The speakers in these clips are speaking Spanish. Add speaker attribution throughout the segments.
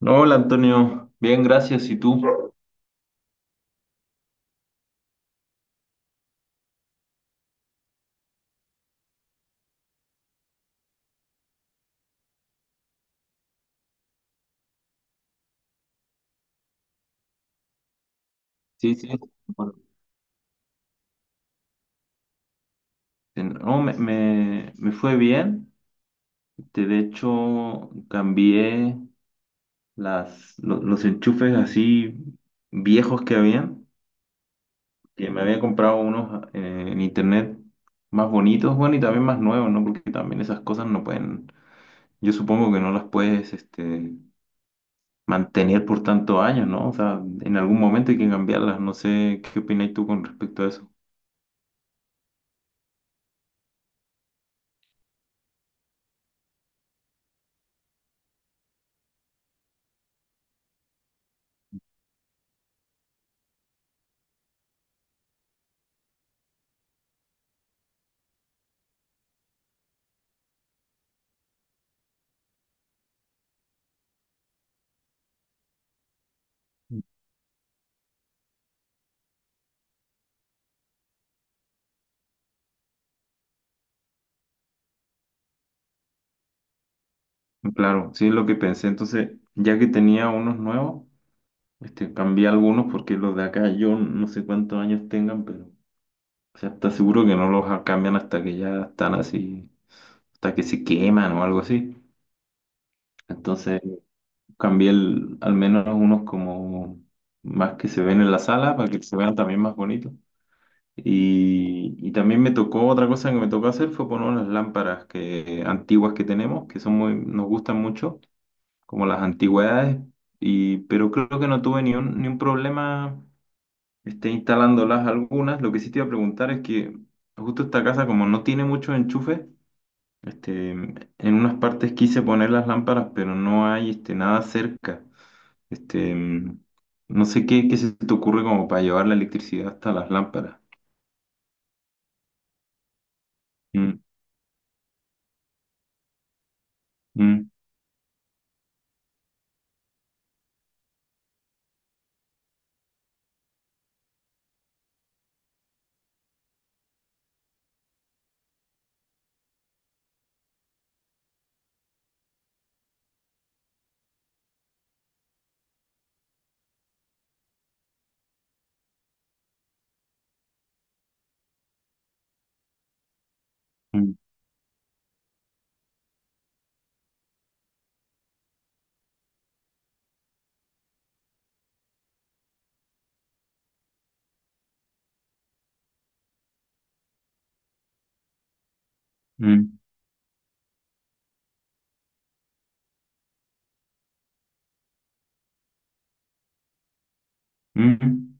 Speaker 1: No, hola Antonio, bien, gracias. ¿Y tú? Sí, sí. Bueno, no, me fue bien. De hecho, cambié los enchufes así viejos que habían, que me había comprado unos en internet más bonitos, bueno, y también más nuevos, ¿no? Porque también esas cosas no pueden, yo supongo que no las puedes mantener por tantos años, ¿no? O sea, en algún momento hay que cambiarlas. No sé qué opinas tú con respecto a eso. Claro, sí es lo que pensé. Entonces, ya que tenía unos nuevos, cambié algunos porque los de acá yo no sé cuántos años tengan, pero o sea, está seguro que no los cambian hasta que ya están así, hasta que se queman o algo así. Entonces, cambié al menos unos como más que se ven en la sala para que se vean también más bonitos. Y también me tocó, otra cosa que me tocó hacer fue poner unas lámparas que, antiguas que tenemos, que son muy, nos gustan mucho como las antigüedades, y, pero creo que no tuve ni un problema instalándolas algunas. Lo que sí te iba a preguntar es que justo esta casa, como no tiene muchos enchufes, en unas partes quise poner las lámparas, pero no hay nada cerca. Este, mm, no sé qué se te ocurre como para llevar la electricidad hasta las lámparas. Mm, mm, mm, mm, mm,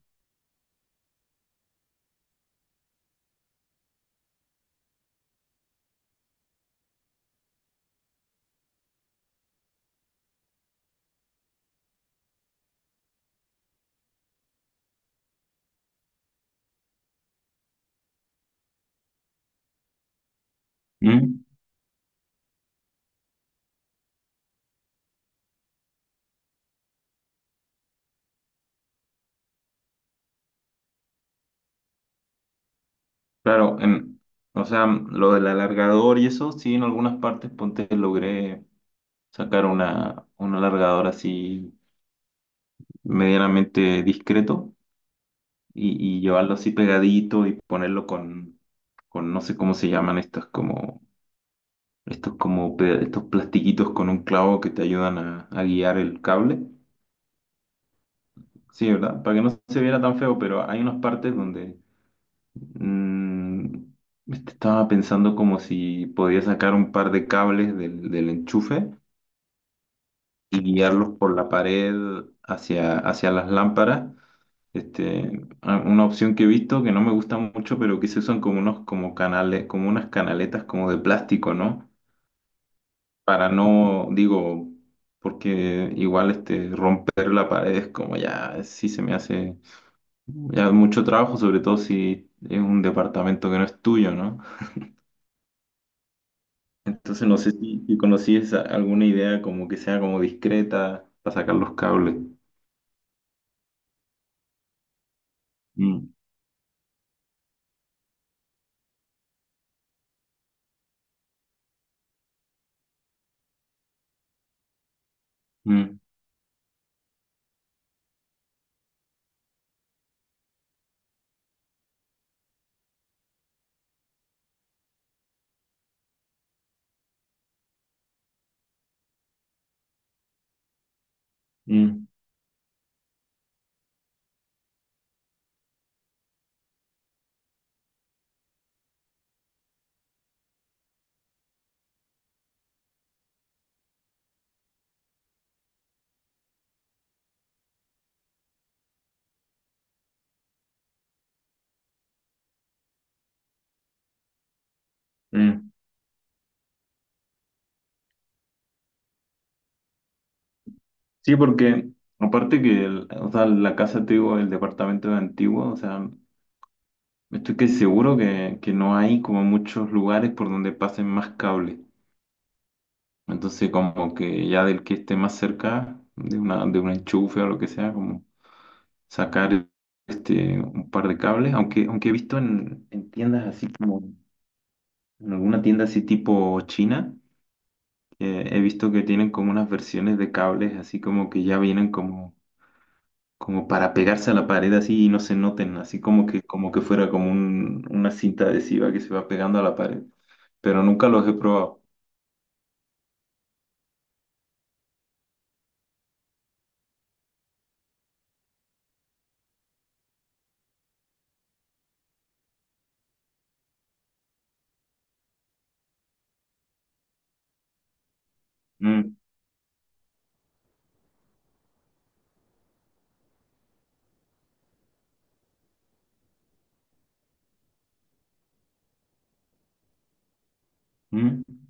Speaker 1: mm. Claro, o sea, lo del alargador y eso, sí, en algunas partes ponte logré sacar un alargador así medianamente discreto y llevarlo así pegadito y ponerlo con no sé cómo se llaman estas como estos plastiquitos con un clavo que te ayudan a guiar el cable. Sí, ¿verdad? Para que no se viera tan feo, pero hay unas partes donde mm, estaba pensando como si podía sacar un par de cables del enchufe y guiarlos por la pared hacia las lámparas. Una opción que he visto que no me gusta mucho, pero que se usan como unos como canales, como unas canaletas como de plástico, ¿no? Para no, digo, porque igual romper la pared es como ya sí se me hace ya mucho trabajo, sobre todo si es un departamento que no es tuyo, ¿no? Entonces no sé si conocías alguna idea como que sea como discreta para sacar los cables. Mm, mm, mm, mm. mm. Sí, porque aparte que o sea, la casa antigua, el departamento antiguo, o sea, estoy que seguro que no hay como muchos lugares por donde pasen más cables. Entonces, como que ya del que esté más cerca de una, de un enchufe o lo que sea, como sacar un par de cables, aunque, aunque he visto en tiendas así como, en alguna tienda así tipo China, he visto que tienen como unas versiones de cables así como que ya vienen como para pegarse a la pared así y no se noten, así como como que fuera como una cinta adhesiva que se va pegando a la pared, pero nunca los he probado. Mm, mm,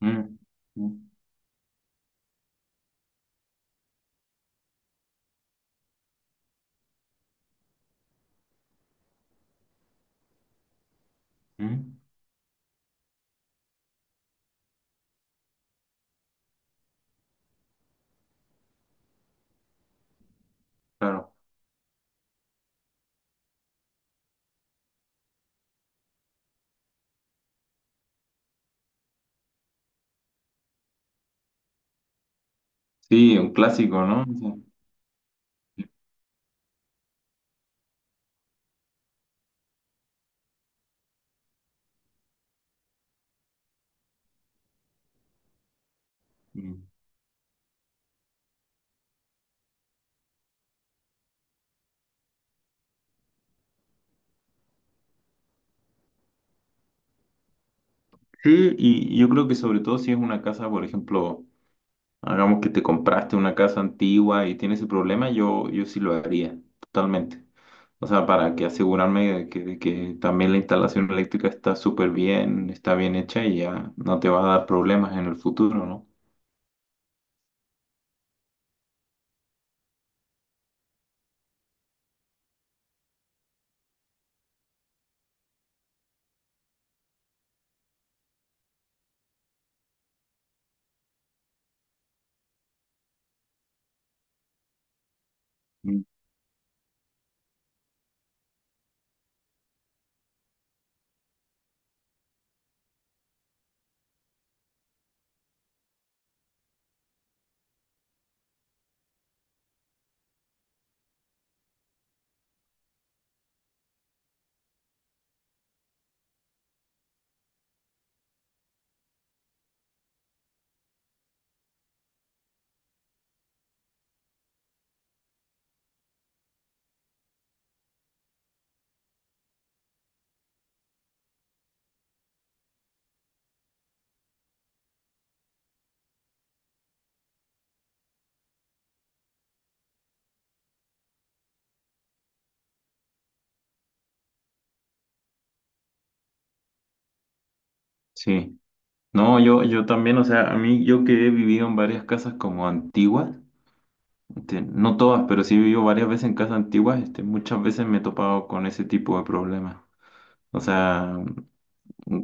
Speaker 1: mm, mm, mm, claro. Sí, un clásico, ¿no? Sí. Mm. Sí, y yo creo que sobre todo si es una casa, por ejemplo, hagamos que te compraste una casa antigua y tienes ese problema, yo sí lo haría, totalmente. O sea, para que asegurarme de de que también la instalación eléctrica está súper bien, está bien hecha y ya no te va a dar problemas en el futuro, ¿no? Mm. Sí. No, yo también, o sea, a mí, yo que he vivido en varias casas como antiguas, no todas, pero sí he vivido varias veces en casas antiguas, muchas veces me he topado con ese tipo de problemas. O sea,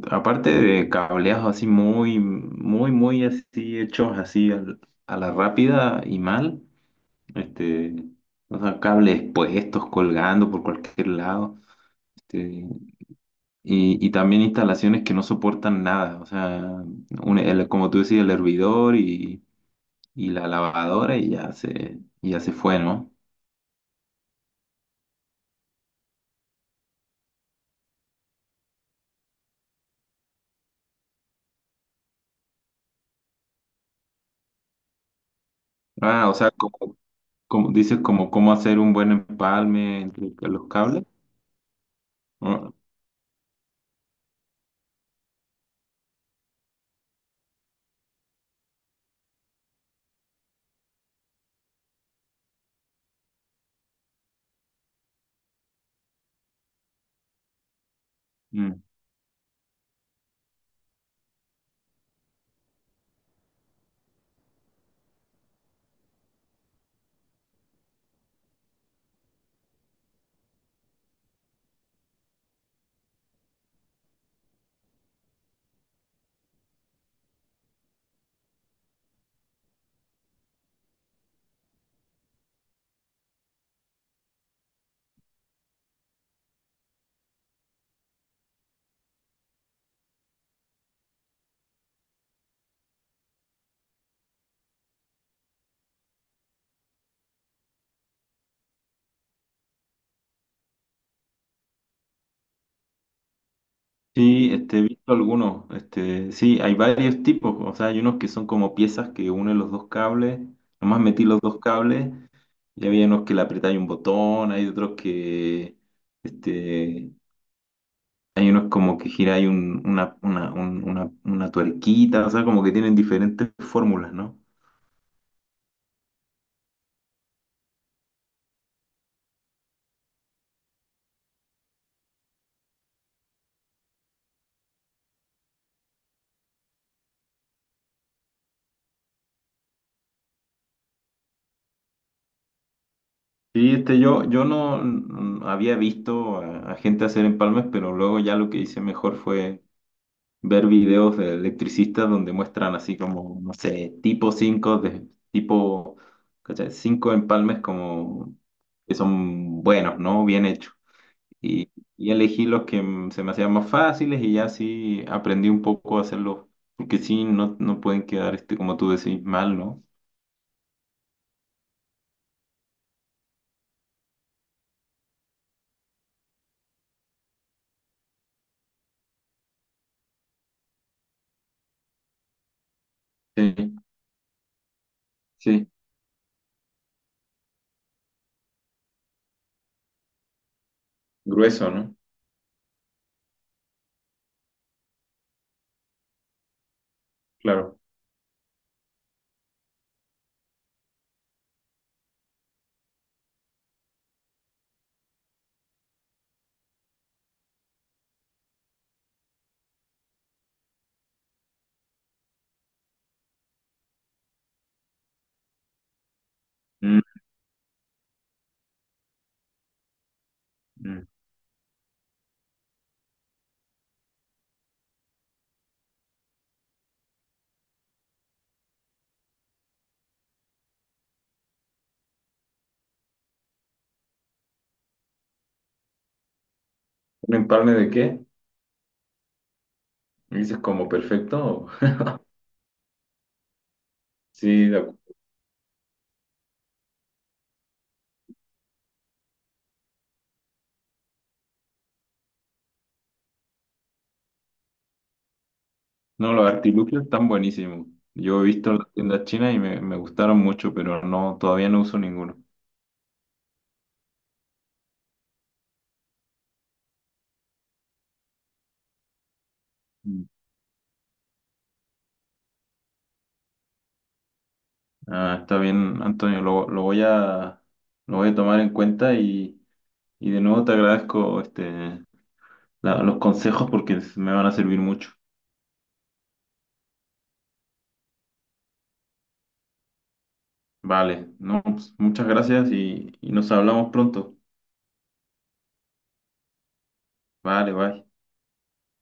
Speaker 1: aparte de cableados así muy, muy, muy así hechos así a la rápida y mal, este, o sea, cables puestos, colgando por cualquier lado, este, y también instalaciones que no soportan nada, o sea, como tú decías, el hervidor y la lavadora y ya y ya se fue, ¿no? Ah, o sea, como dices, como cómo hacer un buen empalme entre los cables. ¿No? Mm. Sí, he visto algunos. Sí, hay varios tipos. O sea, hay unos que son como piezas que unen los dos cables. Nomás metí los dos cables. Y había unos que le apretáis un botón. Hay otros que. Este, Hay unos como que giráis una tuerquita. O sea, como que tienen diferentes fórmulas, ¿no? Sí, yo, yo no había visto a gente hacer empalmes, pero luego ya lo que hice mejor fue ver videos de electricistas donde muestran así como, no sé, tipo ¿cachai? Cinco empalmes como que son buenos, ¿no? Bien hechos. Y, y elegí los que se me hacían más fáciles y ya así aprendí un poco a hacerlos, porque sí, no, no pueden quedar, como tú decís, mal, ¿no? Sí, sí, grueso, ¿no? Claro. Mm, mm. ¿Un empalme de qué? ¿Dices como perfecto? Sí, de no, los artilugios están buenísimos. Yo he visto las tiendas chinas y me gustaron mucho, pero no, todavía no uso ninguno. Mm. Ah, está bien, Antonio, lo voy a tomar en cuenta y de nuevo te agradezco los consejos porque me van a servir mucho. Vale, no, pues, muchas gracias y nos hablamos pronto. Vale, bye.